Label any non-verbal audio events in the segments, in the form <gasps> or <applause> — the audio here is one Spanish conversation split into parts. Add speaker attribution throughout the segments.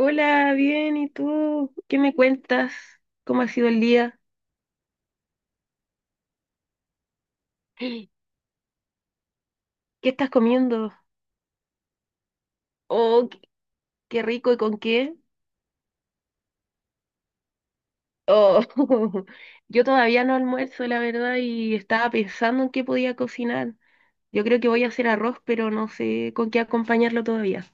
Speaker 1: Hola, bien, ¿y tú? ¿Qué me cuentas? ¿Cómo ha sido el día? <gasps> ¿Qué estás comiendo? Oh, qué rico, ¿y con qué? Oh, <laughs> yo todavía no almuerzo, la verdad, y estaba pensando en qué podía cocinar. Yo creo que voy a hacer arroz, pero no sé con qué acompañarlo todavía.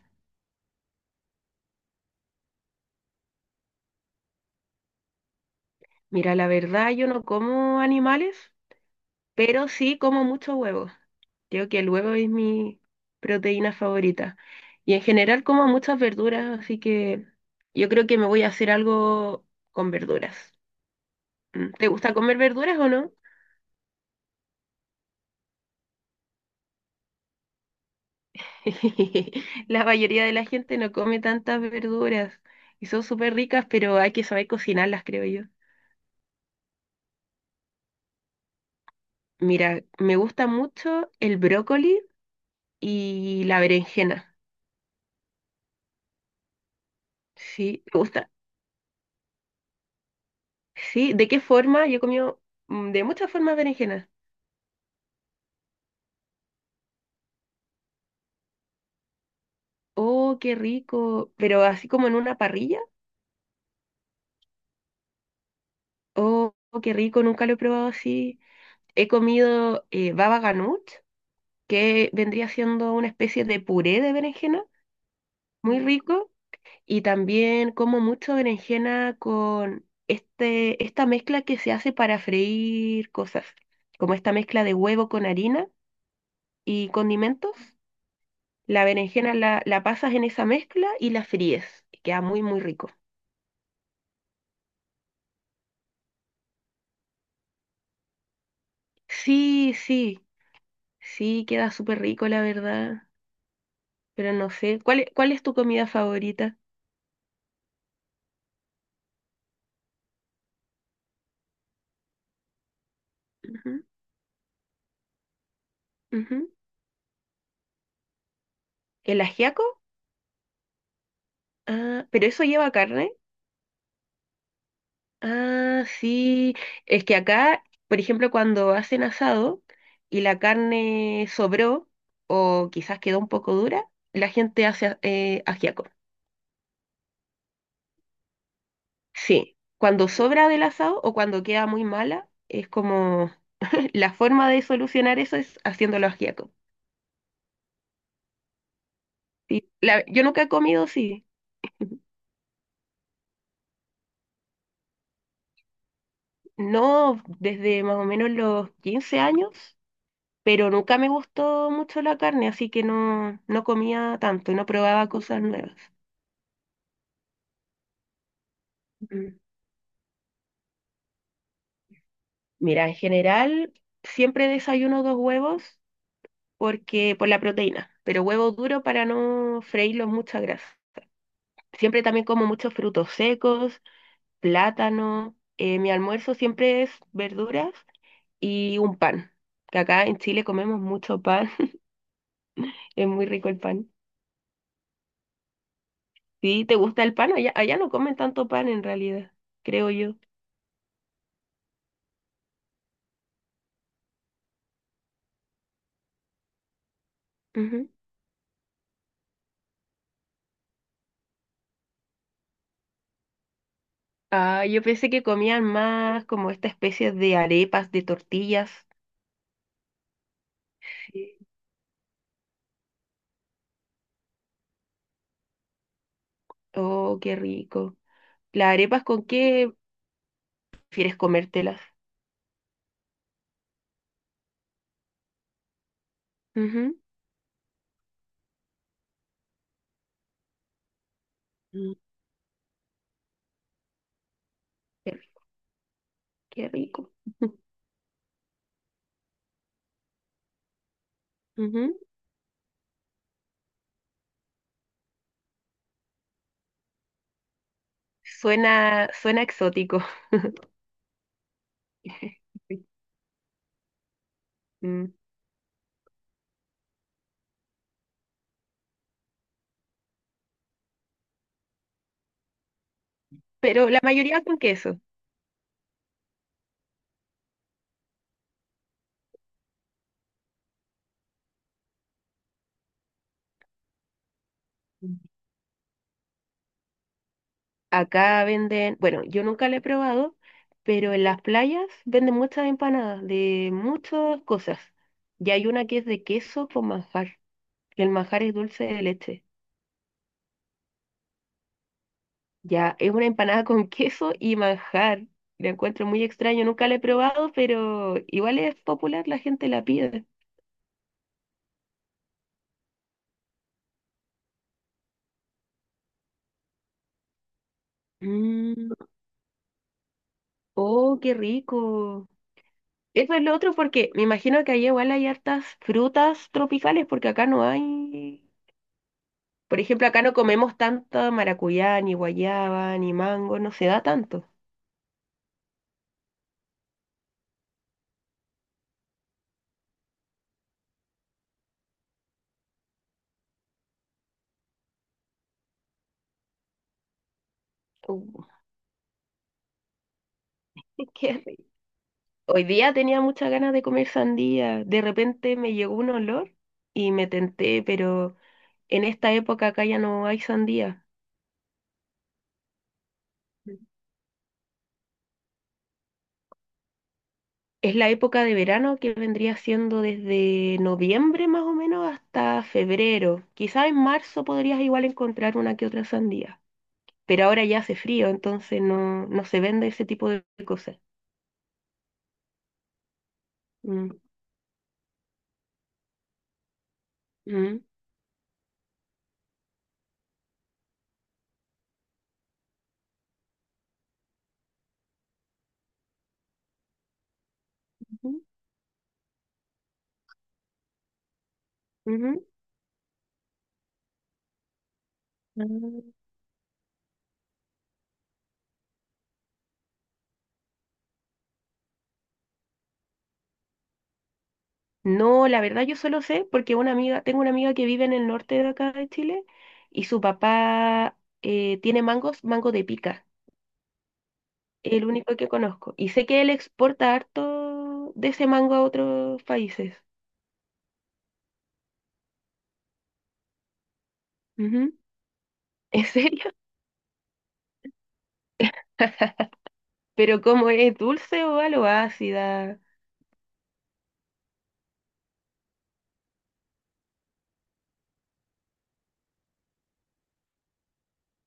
Speaker 1: Mira, la verdad, yo no como animales. Pero sí como mucho huevo. Creo que el huevo es mi proteína favorita. Y en general como muchas verduras, así que yo creo que me voy a hacer algo con verduras. Mm, ¿te gusta comer verduras o no? <laughs> La mayoría de la gente no come tantas verduras y son súper ricas, pero hay que saber cocinarlas, creo yo. Mira, me gusta mucho el brócoli y la berenjena. Sí, me gusta. Sí, ¿de qué forma? Yo he comido de muchas formas berenjenas. Oh, qué rico. Pero así como en una parrilla. Oh, qué rico. Nunca lo he probado así. He comido baba ganoush, que vendría siendo una especie de puré de berenjena. Muy rico. Y también como mucho berenjena con este, esta mezcla que se hace para freír cosas. Como esta mezcla de huevo con harina y condimentos. La berenjena la pasas en esa mezcla y la fríes. Queda muy, muy rico. Sí, sí. Sí, queda súper rico, la verdad. Pero no sé. ¿Cuál es tu comida favorita? Ujú, ujú. ¿El ajiaco? Ah, ¿pero eso lleva carne? Ah, sí. Es que acá, por ejemplo, cuando hacen asado y la carne sobró o quizás quedó un poco dura, la gente hace ajiaco. Sí. Cuando sobra del asado o cuando queda muy mala, es como <laughs> la forma de solucionar eso es haciéndolo ajiaco. Sí. Yo nunca he comido, sí. No, desde más o menos los 15 años, pero nunca me gustó mucho la carne, así que no, no comía tanto, no probaba cosas nuevas. Mm. Mira, en general siempre desayuno dos huevos porque por la proteína, pero huevo duro para no freírlos mucha grasa. Siempre también como muchos frutos secos, plátano. Mi almuerzo siempre es verduras y un pan, que acá en Chile comemos mucho pan, <laughs> es muy rico el pan. Sí, ¿te gusta el pan? Allá no comen tanto pan en realidad, creo yo. Ujú. Ah, yo pensé que comían más como esta especie de arepas, de tortillas. Sí. Oh, qué rico. ¿Las arepas con qué prefieres comértelas? Ujú. Mm, Qué, ri- qué rico. <laughs> Ujú. Suena, suena exótico. <laughs> Mm. Pero la mayoría con queso. Acá venden, bueno, yo nunca la he probado, pero en las playas venden muchas empanadas de muchas cosas. Y hay una que es de queso con manjar, que el manjar es dulce de leche. Ya, es una empanada con <laughs> queso y manjar. La encuentro muy extraño, nunca la he probado, pero igual es popular, la gente la pide. Mm, oh, qué rico. Eso es lo otro porque me imagino que allá igual hay hartas frutas tropicales, porque acá no hay. Por ejemplo, acá no comemos tanta maracuyá, ni guayaba, ni mango, no se da tanto. Uh, <laughs> qué rico. Hoy día tenía muchas ganas de comer sandía. De repente me llegó un olor y me tenté, pero en esta época acá ya no hay sandía. Es la época de verano, que vendría siendo desde noviembre más o menos hasta febrero. Quizás en marzo podrías igual encontrar una que otra sandía, pero ahora ya hace frío, entonces no, no se vende ese tipo de cosas. Mm, mm, ujú. Ujú. Mm. No, la verdad yo solo sé porque una amiga, tengo una amiga que vive en el norte de acá de Chile, y su papá tiene mangos, mango de pica, el único que conozco. Y sé que él exporta harto de ese mango a otros países. Ujú. ¿En serio? <laughs> Pero como es, dulce o algo ácida?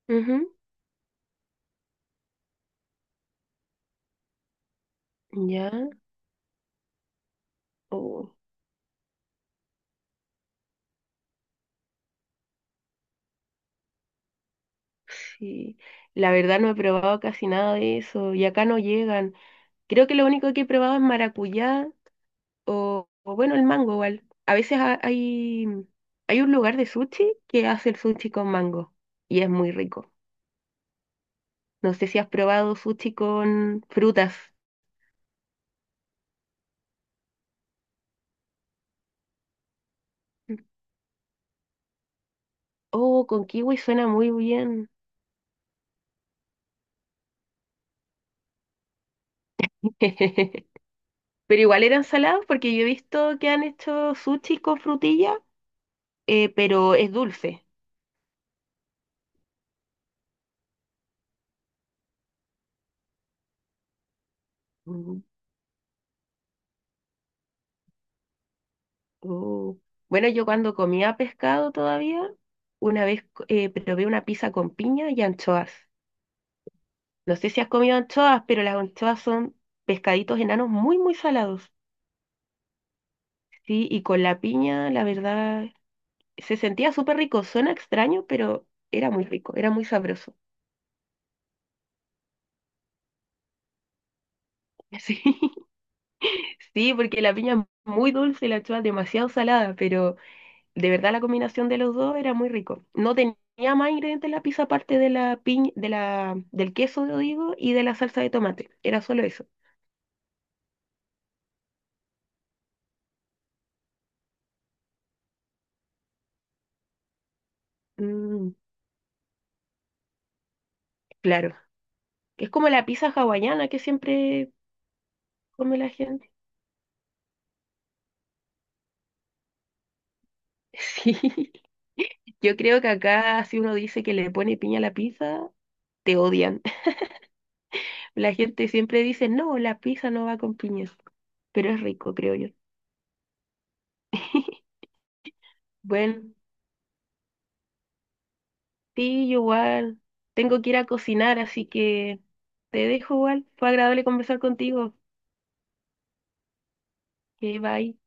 Speaker 1: Ujú. Ya. Oh, sí. La verdad no he probado casi nada de eso y acá no llegan. Creo que lo único que he probado es maracuyá. O, bueno, el mango igual. A veces hay, hay un lugar de sushi que hace el sushi con mango y es muy rico. No sé si has probado sushi con frutas. Oh, con kiwi suena muy bien. <laughs> Pero igual eran salados, porque yo he visto que han hecho sushi con frutilla, pero es dulce. Mm, oh. Bueno, yo cuando comía pescado todavía, una vez probé una pizza con piña y anchoas. No sé si has comido anchoas, pero las anchoas son pescaditos enanos muy, muy salados. Sí, y con la piña, la verdad, se sentía súper rico. Suena extraño, pero era muy rico, era muy sabroso. <laughs> Sí, sí, porque la piña es muy dulce y la anchoa es demasiado salada, pero de verdad la combinación de los dos era muy rico. No tenía más ingredientes en la pizza aparte de la piña, de la, del queso, digo, y de la salsa de tomate. Era solo eso. Mm, claro. Es como la pizza hawaiana que siempre come la gente. Sí, <laughs> yo creo que acá si uno dice que le pone piña a la pizza, te odian. <laughs> La gente siempre dice, no, la pizza no va con piñas, pero es rico, creo yo. Bueno, sí, yo igual tengo que ir a cocinar, así que te dejo igual. Fue agradable conversar contigo. Que bye.